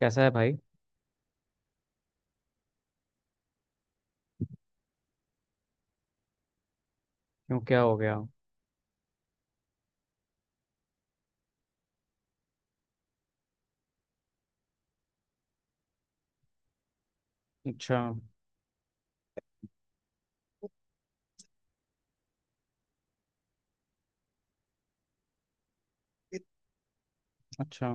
कैसा है भाई। क्यों क्या हो गया। अच्छा। अच्छा,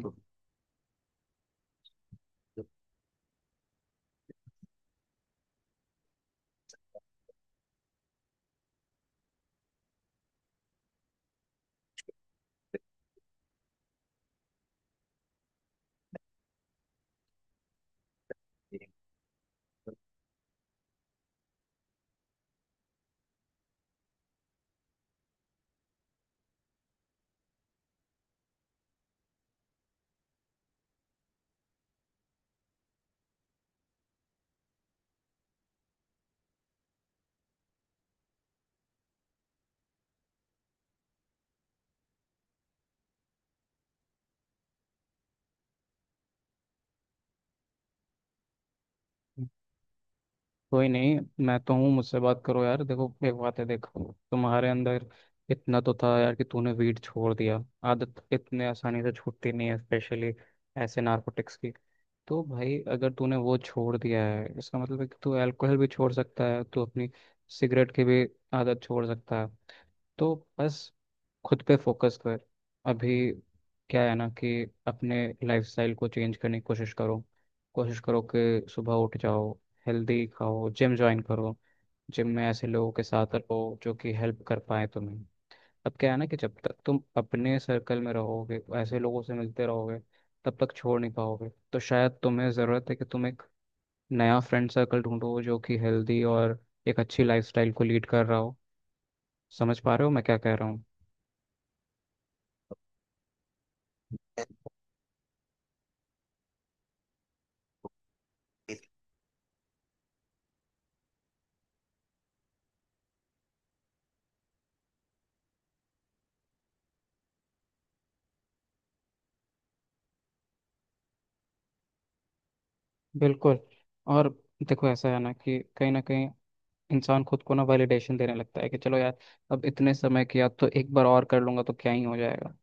कोई नहीं। मैं तो हूँ, मुझसे बात करो यार। देखो एक बात है, देखो तुम्हारे अंदर इतना तो था यार कि तूने वीट छोड़ दिया। आदत इतने आसानी से छूटती नहीं है, स्पेशली ऐसे नार्कोटिक्स की। तो भाई अगर तूने वो छोड़ दिया है इसका मतलब है कि तू अल्कोहल भी छोड़ सकता है, तू अपनी सिगरेट की भी आदत छोड़ सकता है। तो बस खुद पे फोकस कर अभी। क्या है ना कि अपने लाइफस्टाइल को चेंज करने की कोशिश करो। कोशिश करो कि सुबह उठ जाओ, हेल्दी खाओ, जिम ज्वाइन करो। जिम में ऐसे लोगों के साथ रहो जो कि हेल्प कर पाए तुम्हें। अब क्या है ना कि जब तक तुम अपने सर्कल में रहोगे, ऐसे लोगों से मिलते रहोगे, तब तक छोड़ नहीं पाओगे। तो शायद तुम्हें ज़रूरत है कि तुम एक नया फ्रेंड सर्कल ढूंढो जो कि हेल्दी और एक अच्छी लाइफस्टाइल को लीड कर रहा हो। समझ पा रहे हो मैं क्या कह रहा हूँ। बिल्कुल। और देखो ऐसा है ना कि कहीं ना कहीं इंसान खुद को ना वैलिडेशन देने लगता है कि चलो यार अब इतने समय किया तो एक बार और कर लूंगा तो क्या ही हो जाएगा।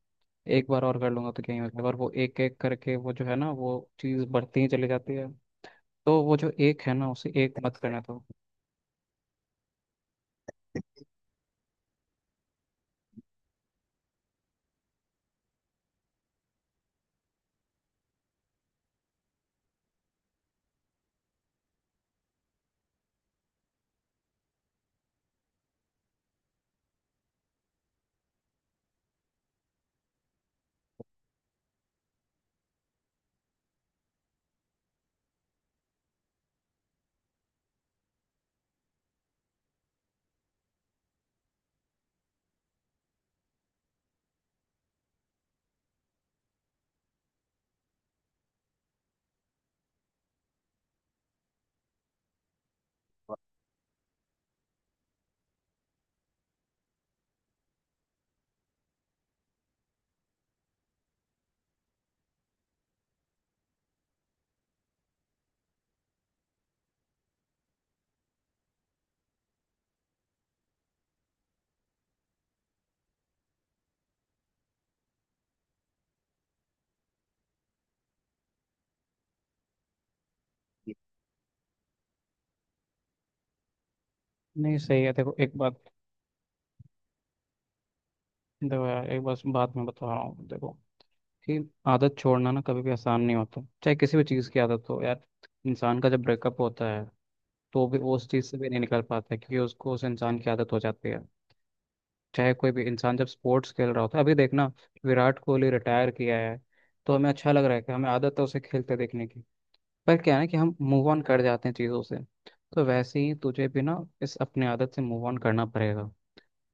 एक बार और कर लूंगा तो क्या ही हो जाएगा, और वो एक एक करके वो जो है ना वो चीज़ बढ़ती ही चली जाती है। तो वो जो एक है ना, उसे एक मत करने दो। नहीं, सही है। देखो एक बात, देखो यार एक बस बात मैं बता रहा हूँ। देखो कि आदत छोड़ना ना कभी भी आसान नहीं होता, चाहे किसी भी चीज़ की आदत हो यार। इंसान का जब ब्रेकअप होता है तो भी वो उस चीज़ से भी नहीं निकल पाता है क्योंकि उसको उस इंसान की आदत हो जाती है। चाहे कोई भी इंसान जब स्पोर्ट्स खेल रहा होता है, अभी देखना, विराट कोहली रिटायर किया है। तो हमें अच्छा लग रहा है कि हमें आदत है उसे खेलते देखने की। पर क्या है ना कि हम मूव ऑन कर जाते हैं चीज़ों से। तो वैसे ही तुझे भी ना इस अपनी आदत से मूव ऑन करना पड़ेगा।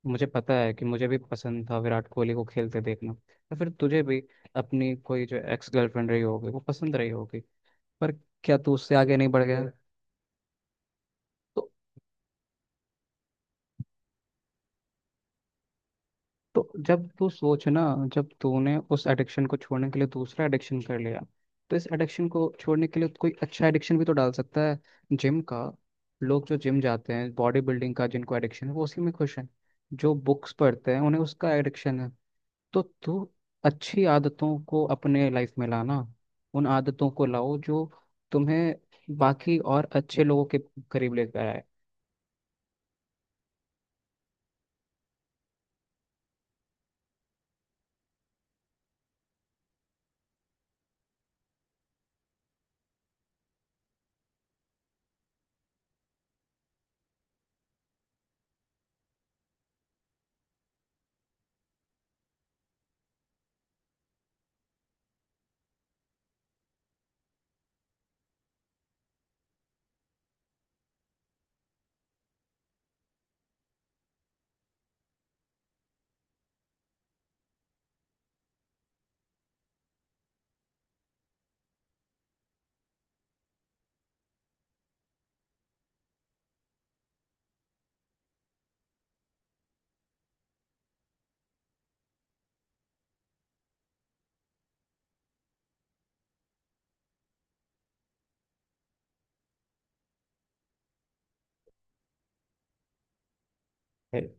मुझे पता है कि मुझे भी पसंद था विराट कोहली को खेलते देखना, या फिर तुझे भी अपनी कोई जो एक्स गर्लफ्रेंड रही होगी वो पसंद रही होगी। पर क्या तू उससे आगे नहीं बढ़ गया। तो जब तू सोच ना, जब तूने उस एडिक्शन को छोड़ने के लिए दूसरा एडिक्शन कर लिया, तो इस एडिक्शन को छोड़ने के लिए कोई अच्छा एडिक्शन भी तो डाल सकता है। जिम का। लोग जो जिम जाते हैं, बॉडी बिल्डिंग का जिनको एडिक्शन है, वो उसी में खुश हैं। जो बुक्स पढ़ते हैं उन्हें उसका एडिक्शन है। तो तू अच्छी आदतों को अपने लाइफ में लाना। उन आदतों को लाओ जो तुम्हें बाकी और अच्छे लोगों के करीब लेकर आए है।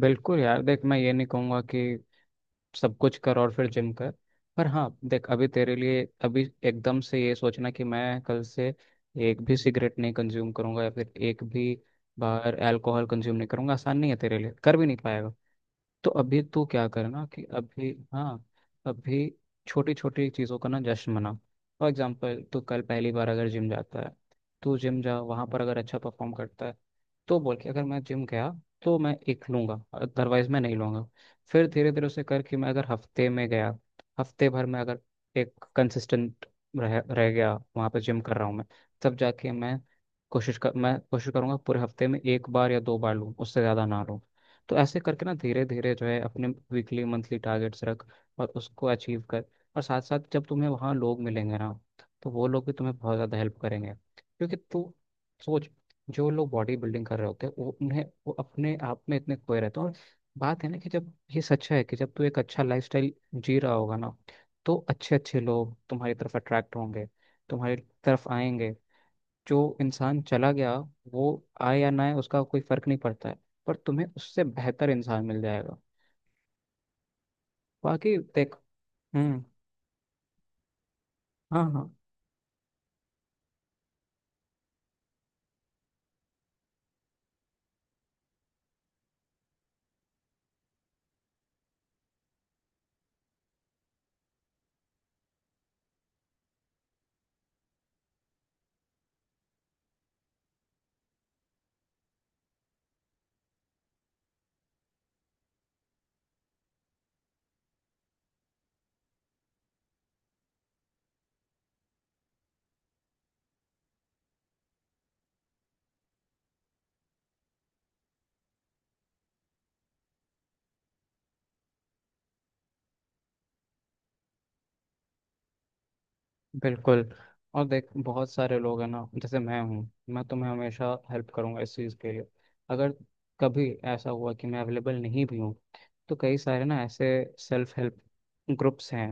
बिल्कुल यार। देख मैं ये नहीं कहूँगा कि सब कुछ कर और फिर जिम कर। पर हाँ देख, अभी तेरे लिए अभी एकदम से ये सोचना कि मैं कल से एक भी सिगरेट नहीं कंज्यूम करूंगा या फिर एक भी बार अल्कोहल कंज्यूम नहीं करूंगा, आसान नहीं है। तेरे लिए कर भी नहीं पाएगा। तो अभी तो क्या करना कि अभी हाँ, अभी छोटी छोटी चीज़ों का ना जश्न मना। फॉर एग्जाम्पल, तू कल पहली बार अगर जिम जाता है, तू जिम जा, वहाँ पर अगर अच्छा परफॉर्म करता है तो बोल के, अगर मैं जिम गया तो मैं एक लूँगा, अदरवाइज मैं नहीं लूँगा। फिर धीरे धीरे उसे करके, मैं अगर हफ्ते में गया, हफ्ते भर में अगर एक कंसिस्टेंट रह रह गया वहाँ पर जिम कर रहा हूँ मैं, तब जाके मैं कोशिश कर, मैं कोशिश करूँगा पूरे हफ्ते में एक बार या दो बार लूँ, उससे ज़्यादा ना लूँ। तो ऐसे करके ना धीरे धीरे जो है, अपने वीकली मंथली टारगेट्स रख और उसको अचीव कर। और साथ साथ जब तुम्हें वहाँ लोग मिलेंगे ना, तो वो लोग भी तुम्हें बहुत ज़्यादा हेल्प करेंगे। क्योंकि तू सोच, जो लोग बॉडी बिल्डिंग कर रहे होते हैं वो उन्हें वो अपने आप में इतने खोए रहते हैं। और बात है ना कि जब ये सच है कि जब तू एक अच्छा लाइफस्टाइल जी रहा होगा ना, तो अच्छे अच्छे लोग तुम्हारी तरफ अट्रैक्ट होंगे, तुम्हारी तरफ आएंगे। जो इंसान चला गया, वो आए या ना आए, उसका कोई फर्क नहीं पड़ता है। पर तुम्हें उससे बेहतर इंसान मिल जाएगा। बाकी देख। हम्म। हाँ हाँ। बिल्कुल। और देख बहुत सारे लोग हैं ना जैसे मैं हूँ, मैं तुम्हें हमेशा हेल्प करूंगा इस चीज़ के लिए। अगर कभी ऐसा हुआ कि मैं अवेलेबल नहीं भी हूँ, तो कई सारे ना ऐसे सेल्फ हेल्प ग्रुप्स हैं,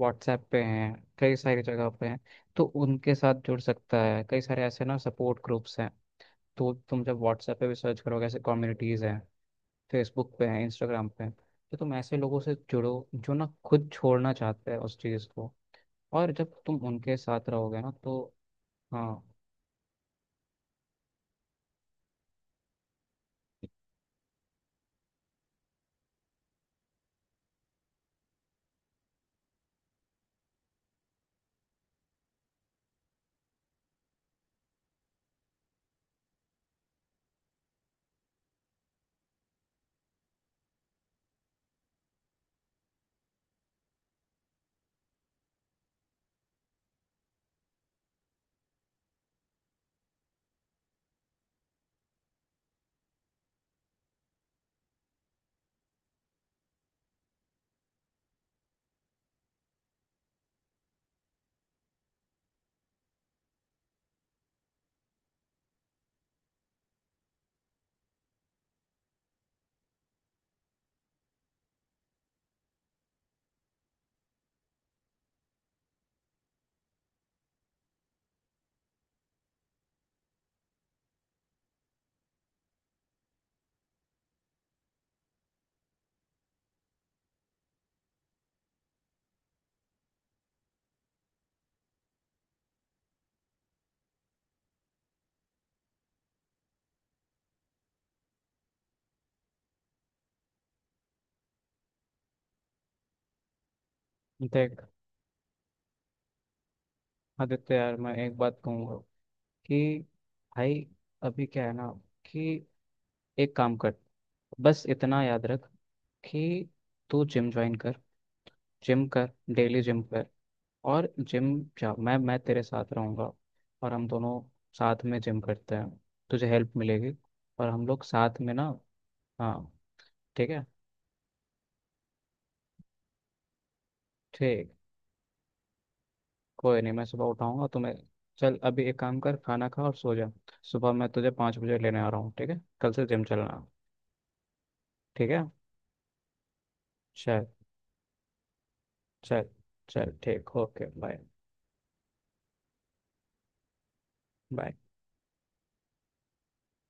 व्हाट्सएप पे हैं, कई सारी जगह पे हैं। तो उनके साथ जुड़ सकता है, कई सारे ऐसे ना सपोर्ट ग्रुप्स हैं। तो तुम जब व्हाट्सएप पे भी सर्च करोगे, ऐसे कम्युनिटीज़ हैं, फेसबुक पे हैं, इंस्टाग्राम पे हैं, तो तुम ऐसे लोगों से जुड़ो जो ना खुद छोड़ना चाहते हैं उस चीज़ को। और जब तुम उनके साथ रहोगे ना तो हाँ। देख आदित्य यार, मैं एक बात कहूँगा कि भाई, अभी क्या है ना कि एक काम कर, बस इतना याद रख कि तू जिम ज्वाइन कर। जिम कर, डेली जिम कर। और जिम जा, मैं तेरे साथ रहूँगा, और हम दोनों साथ में जिम करते हैं, तुझे हेल्प मिलेगी। और हम लोग साथ में ना, हाँ। ठीक है। ठीक, कोई नहीं, मैं सुबह उठाऊँगा तुम्हें। चल अभी एक काम कर, खाना खा और सो जा। सुबह मैं तुझे 5 बजे लेने आ रहा हूँ, ठीक है, कल से जिम चलना। ठीक है। चल। चल। चल ठीक, ओके, बाय बाय।